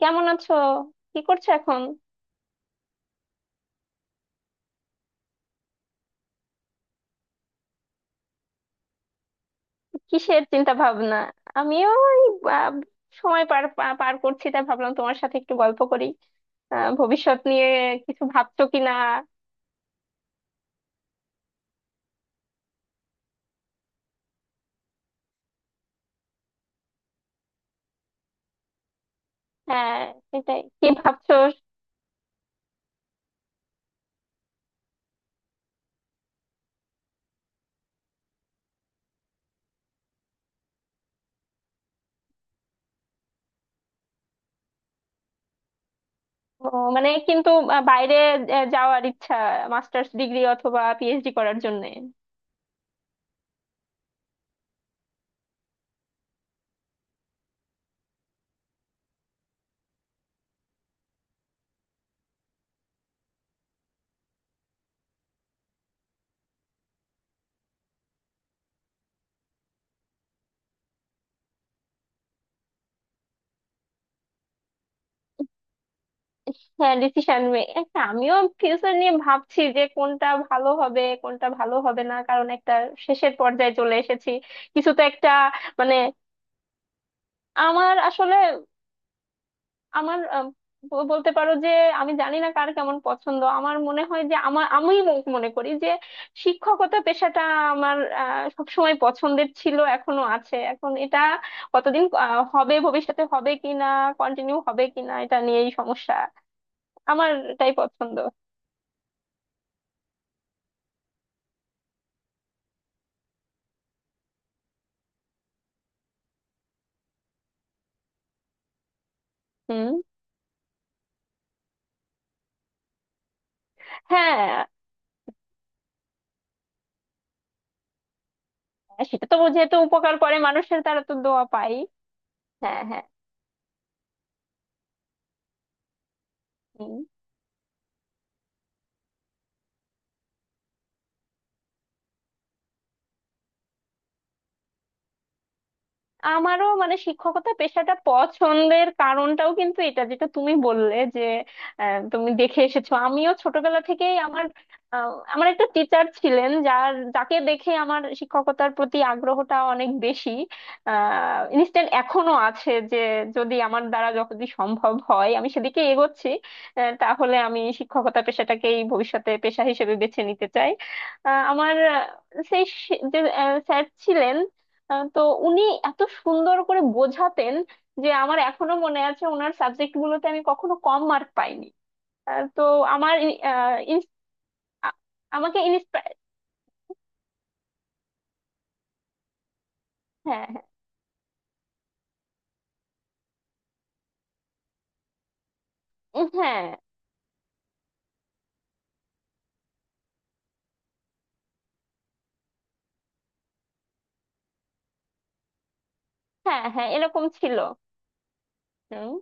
কেমন আছো? কি করছো এখন? কিসের চিন্তা ভাবনা? আমিও ওই, আহ, সময় পার করছি, তাই ভাবলাম তোমার সাথে একটু গল্প করি। ভবিষ্যৎ নিয়ে কিছু ভাবছো কিনা? হ্যাঁ, সেটাই কি ভাবছো? ও, মানে কিন্তু। বাইরে যাওয়ার ইচ্ছা? মাস্টার্স ডিগ্রি অথবা পিএইচডি করার জন্য? হ্যাঁ, ডিসিশন একটা। আমিও ফিউচার নিয়ে ভাবছি যে কোনটা ভালো হবে, কোনটা ভালো হবে না। কারণ একটা শেষের পর্যায়ে চলে এসেছি, কিছু তো একটা। মানে আমার আসলে আমার, বলতে পারো যে আমি জানি না কার কেমন পছন্দ। আমার মনে হয় যে আমার, আমি মনে করি যে শিক্ষকতা পেশাটা আমার সব সময় পছন্দের ছিল, এখনো আছে। এখন এটা কতদিন হবে, ভবিষ্যতে হবে কিনা, কন্টিনিউ হবে কিনা, এটা নিয়েই সমস্যা। আমার এটাই পছন্দ। হুম। হ্যাঁ। সেটা তো, যেহেতু উপকার করে মানুষের, তারা তো দোয়া পাই। হ্যাঁ, হ্যাঁ। হুম। আমারও মানে শিক্ষকতা পেশাটা পছন্দের কারণটাও কিন্তু এটা, যেটা তুমি বললে যে তুমি দেখে এসেছো। আমিও ছোটবেলা থেকেই আমার, আমার একটা টিচার ছিলেন, যাকে দেখে আমার শিক্ষকতার প্রতি আগ্রহটা অনেক বেশি ইনস্ট্যান্ট এখনো আছে, যে যদি আমার দ্বারা যদি সম্ভব হয় আমি সেদিকে এগোচ্ছি। তাহলে আমি শিক্ষকতা পেশাটাকেই ভবিষ্যতে পেশা হিসেবে বেছে নিতে চাই। আমার, সেই যে স্যার ছিলেন, তো উনি এত সুন্দর করে বোঝাতেন যে আমার এখনো মনে আছে। ওনার সাবজেক্ট গুলোতে আমি কখনো কম মার্ক পাইনি। তো আমার আ- আমাকে ইন্সপায়ার। হ্যাঁ, হ্যাঁ। উম, হ্যাঁ, হ্যাঁ। হ্যাঁ, এরকম ছিল। হুম।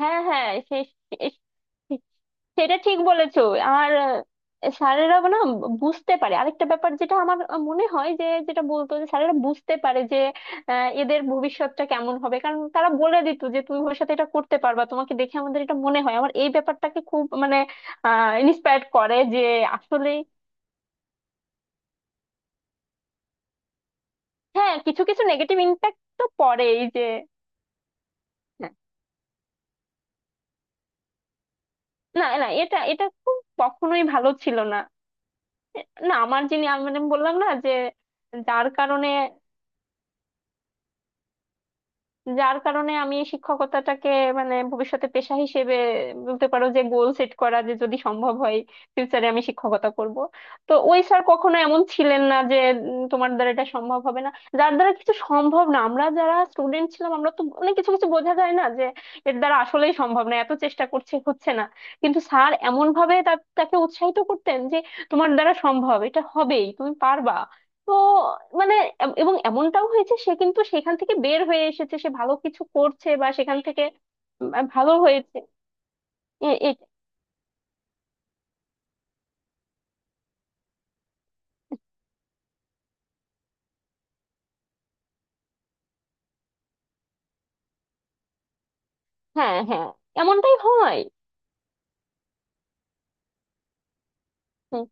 হ্যাঁ, হ্যাঁ। সেই সেটা ঠিক বলেছো। আর স্যারেরা না বুঝতে পারে। আরেকটা ব্যাপার যেটা আমার মনে হয় যে, যেটা বলতো যে স্যারেরা বুঝতে পারে যে এদের ভবিষ্যৎটা কেমন হবে। কারণ তারা বলে দিত যে তুমি ভবিষ্যতে এটা করতে পারবা, তোমাকে দেখে আমাদের এটা মনে হয়। আমার এই ব্যাপারটাকে খুব মানে ইন্সপায়ার করে যে আসলে। হ্যাঁ, কিছু কিছু নেগেটিভ ইম্প্যাক্ট তো পড়েই যে। হ্যাঁ, না, না, এটা, খুব কখনোই ভালো ছিল না। না, আমার যিনি, আমি মানে বললাম না যে যার কারণে, আমি শিক্ষকতাটাকে মানে ভবিষ্যতে পেশা হিসেবে বলতে পারো যে গোল সেট করা, যে যদি সম্ভব হয় ফিউচারে আমি শিক্ষকতা করব। তো ওই স্যার কখনো এমন ছিলেন না যে, তোমার দ্বারা এটা সম্ভব হবে না, যার দ্বারা কিছু সম্ভব না। আমরা যারা স্টুডেন্ট ছিলাম, আমরা তো অনেক কিছু কিছু বোঝা যায় না যে এর দ্বারা আসলেই সম্ভব না, এত চেষ্টা করছে হচ্ছে না। কিন্তু স্যার এমন ভাবে তাকে উৎসাহিত করতেন যে তোমার দ্বারা সম্ভব, এটা হবেই, তুমি পারবা। তো মানে এবং এমনটাও হয়েছে, সে কিন্তু সেখান থেকে বের হয়ে এসেছে, সে ভালো কিছু করছে বা সেখান থেকে ভালো হয়েছে। এ- এ- হ্যাঁ, হ্যাঁ, এমনটাই হয়। হুম,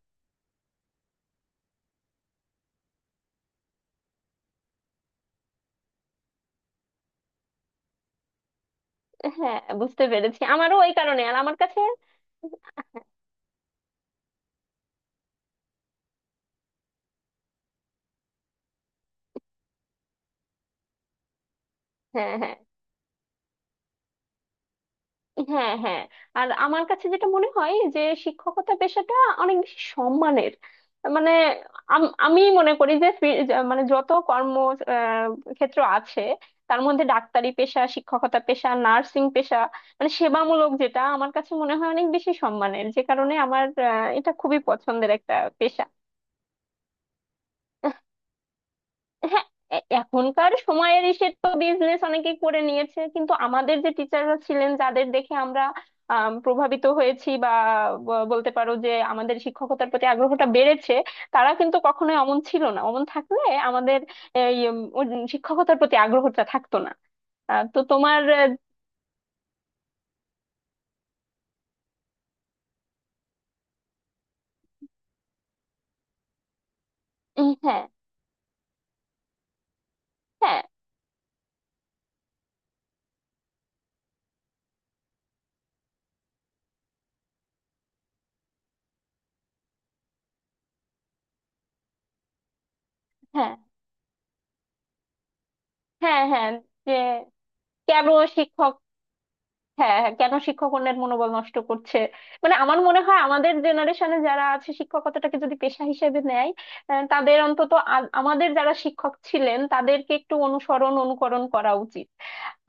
হ্যাঁ বুঝতে পেরেছি, আমারও ওই কারণে। আর আমার কাছে, হ্যাঁ, হ্যাঁ, হ্যাঁ, হ্যাঁ। আর আমার কাছে যেটা মনে হয় যে শিক্ষকতা পেশাটা অনেক বেশি সম্মানের। মানে আমি মনে করি যে মানে যত কর্ম আহ, ক্ষেত্র আছে, তার মধ্যে ডাক্তারি পেশা, শিক্ষকতা পেশা, নার্সিং পেশা, মানে সেবামূলক, যেটা আমার কাছে মনে হয় অনেক বেশি সম্মানের। যে কারণে আমার, এটা খুবই পছন্দের একটা পেশা। হ্যাঁ, এখনকার সময়ের এসে তো বিজনেস অনেকে করে নিয়েছে, কিন্তু আমাদের যে টিচাররা ছিলেন, যাদের দেখে আমরা প্রভাবিত হয়েছি বা বলতে পারো যে আমাদের শিক্ষকতার প্রতি আগ্রহটা বেড়েছে, তারা কিন্তু কখনোই অমন ছিল না। অমন থাকলে আমাদের এই উম, উম, শিক্ষকতার প্রতি আগ্রহটা থাকতো না। তো তোমার উম, হ্যাঁ, হ্যাঁ, হ্যাঁ, হ্যাঁ, হ্যাঁ। যে কেন শিক্ষক? হ্যাঁ, হ্যাঁ, কেন শিক্ষকগণের মনোবল নষ্ট করছে? মানে আমার মনে হয় আমাদের জেনারেশনে যারা আছে, শিক্ষকতাটাকে যদি পেশা হিসেবে নেয়, তাদের অন্তত আমাদের যারা শিক্ষক ছিলেন, তাদেরকে একটু অনুসরণ, অনুকরণ করা উচিত।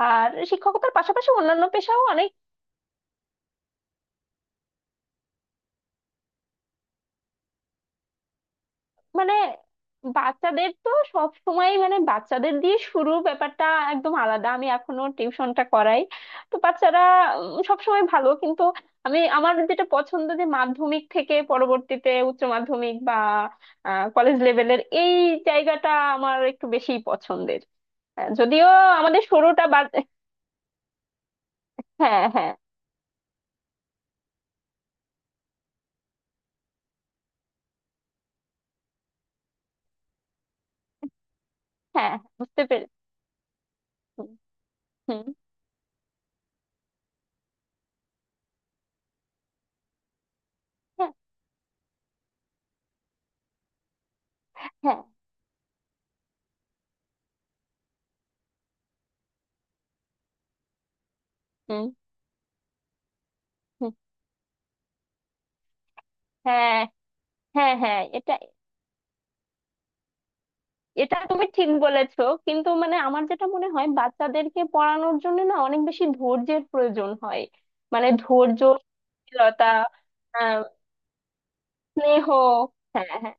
আর শিক্ষকতার পাশাপাশি অন্যান্য পেশাও। মানে বাচ্চাদের তো সব সময়, মানে বাচ্চাদের দিয়ে শুরু, ব্যাপারটা একদম আলাদা। আমি এখনো টিউশনটা করাই, তো বাচ্চারা সব সময় ভালো। কিন্তু আমি, আমার যেটা পছন্দ যে মাধ্যমিক থেকে পরবর্তীতে উচ্চ মাধ্যমিক বা কলেজ লেভেলের এই জায়গাটা আমার একটু বেশি পছন্দের। যদিও আমাদের শুরুটা বাদ। হ্যাঁ, হ্যাঁ, হ্যাঁ, বুঝতে পেরেছি। হুম, হুম। হ্যাঁ, হ্যাঁ। হুম, হুম। হ্যাঁ, হ্যাঁ, হ্যাঁ। এটা এটা তুমি ঠিক বলেছো। কিন্তু মানে আমার যেটা মনে হয় বাচ্চাদেরকে পড়ানোর জন্য না অনেক বেশি ধৈর্যের প্রয়োজন হয়। মানে ধৈর্য শীলতা, আহ, স্নেহ। হ্যাঁ, হ্যাঁ,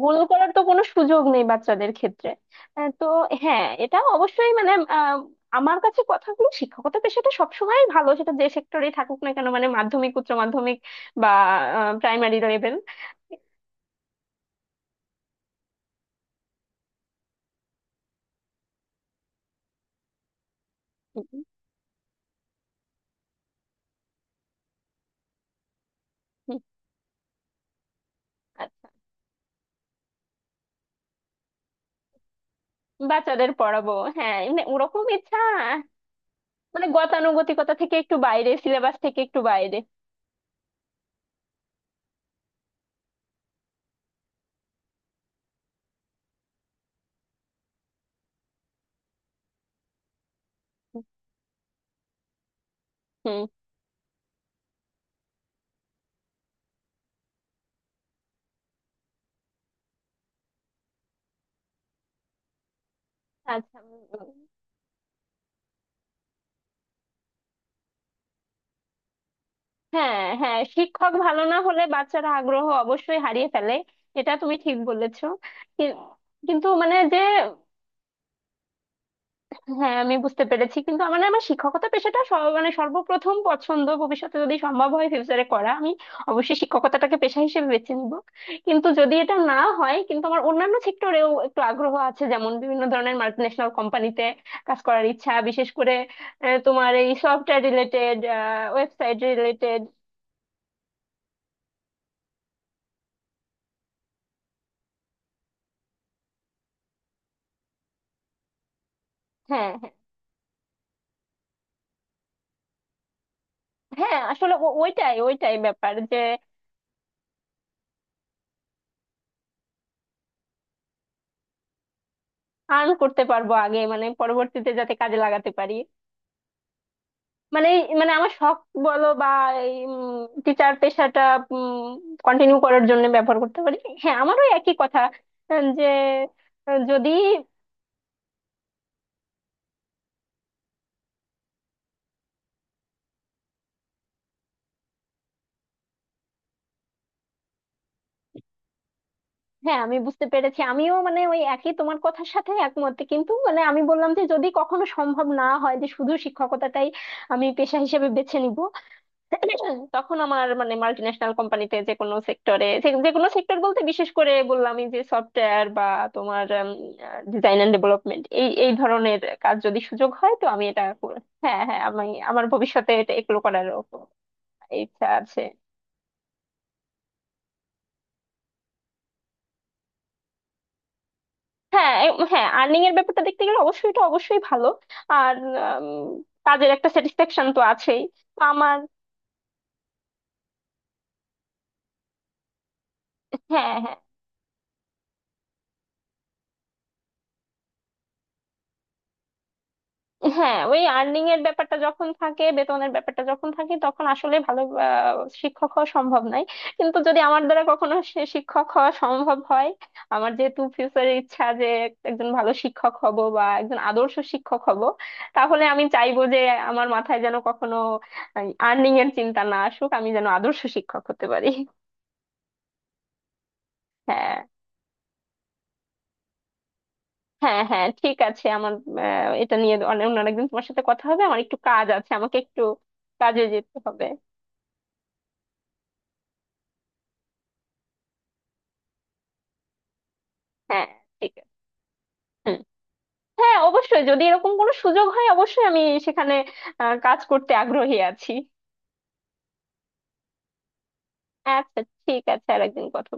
ভুল করার তো কোনো সুযোগ নেই বাচ্চাদের ক্ষেত্রে। তো হ্যাঁ, এটা অবশ্যই মানে আহ, আমার কাছে কথাগুলো, শিক্ষকতা পেশাটা সবসময় ভালো সেটা যে সেক্টরেই থাকুক না কেন, মানে মাধ্যমিক, উচ্চ মাধ্যমিক বা প্রাইমারি লেভেল। হুম, হুম। আচ্ছা, বাচ্চাদের পড়াবো। হ্যাঁ, এমনি ওরকম ইচ্ছা। মানে গতানুগতিকতা থেকে একটু বাইরে, সিলেবাস থেকে একটু বাইরে। হুম। আচ্ছা, উম, হ্যাঁ, হ্যাঁ, শিক্ষক ভালো না হলে বাচ্চারা আগ্রহ অবশ্যই হারিয়ে ফেলে। এটা তুমি ঠিক বলেছো। কি- কিন্তু মানে যে হ্যাঁ, আমি বুঝতে পেরেছি। কিন্তু আমার না, আমার শিক্ষকতা পেশাটা মানে সর্বপ্রথম পছন্দ। ভবিষ্যতে যদি সম্ভব হয়, ফিউচারে করা, আমি অবশ্যই শিক্ষকতাটাকে পেশা হিসেবে বেছে নিব। কিন্তু যদি এটা না হয়, কিন্তু আমার অন্যান্য সেক্টরেও একটু আগ্রহ আছে, যেমন বিভিন্ন ধরনের মাল্টিন্যাশনাল কোম্পানিতে কাজ করার ইচ্ছা, বিশেষ করে তোমার এই সফটওয়্যার রিলেটেড, ওয়েবসাইট রিলেটেড। হ্যাঁ, হ্যাঁ, হ্যাঁ, আসলে ওইটাই ওইটাই ব্যাপার যে আর্ন করতে পারবো আগে, মানে পরবর্তীতে যাতে কাজে লাগাতে পারি। মানে মানে আমার শখ বলো বা এই টিচার পেশাটা কন্টিনিউ করার জন্য ব্যবহার করতে পারি। হ্যাঁ, আমারও একই কথা। যে, যদি হ্যাঁ আমি বুঝতে পেরেছি। আমিও মানে ওই একই, তোমার কথার সাথে একমত। কিন্তু মানে আমি বললাম যে যদি কখনো সম্ভব না হয় যে শুধু শিক্ষকতাটাই আমি পেশা হিসেবে বেছে নিব, তখন আমার মানে মাল্টি ন্যাশনাল কোম্পানিতে যে কোনো সেক্টরে, যে কোনো সেক্টর বলতে বিশেষ করে বললাম এই যে সফটওয়্যার বা তোমার ডিজাইন এন্ড ডেভেলপমেন্ট, এই এই ধরনের কাজ যদি সুযোগ হয়, তো আমি এটা হ্যাঁ, হ্যাঁ, আমি আমার ভবিষ্যতে এগুলো করার ইচ্ছা আছে। হ্যাঁ, হ্যাঁ, আর্নিং এর ব্যাপারটা দেখতে গেলে অবশ্যই এটা অবশ্যই ভালো। আর উম, কাজের একটা স্যাটিসফ্যাকশন তো আছেই। তো আমার, হ্যাঁ, হ্যাঁ, হ্যাঁ, ওই আর্নিং এর ব্যাপারটা যখন থাকে, বেতনের ব্যাপারটা যখন থাকে, তখন আসলে ভালো শিক্ষক হওয়া সম্ভব নয়। কিন্তু যদি আমার দ্বারা কখনো সে শিক্ষক হওয়া সম্ভব হয়, আমার যেহেতু ফিউচারের ইচ্ছা যে একজন ভালো শিক্ষক হব বা একজন আদর্শ শিক্ষক হব, তাহলে আমি চাইবো যে আমার মাথায় যেন কখনো আর্নিং এর চিন্তা না আসুক, আমি যেন আদর্শ শিক্ষক হতে পারি। হ্যাঁ, হ্যাঁ, হ্যাঁ, ঠিক আছে। আমার, এটা নিয়ে অন্য অন্য একদিন তোমার সাথে কথা হবে। আমার একটু কাজ আছে, আমাকে একটু কাজে যেতে হবে। হ্যাঁ, ঠিক আছে। হুম। হ্যাঁ, অবশ্যই, যদি এরকম কোনো সুযোগ হয়, অবশ্যই আমি সেখানে কাজ করতে আগ্রহী আছি। আচ্ছা, ঠিক আছে। আর একদিন কথা।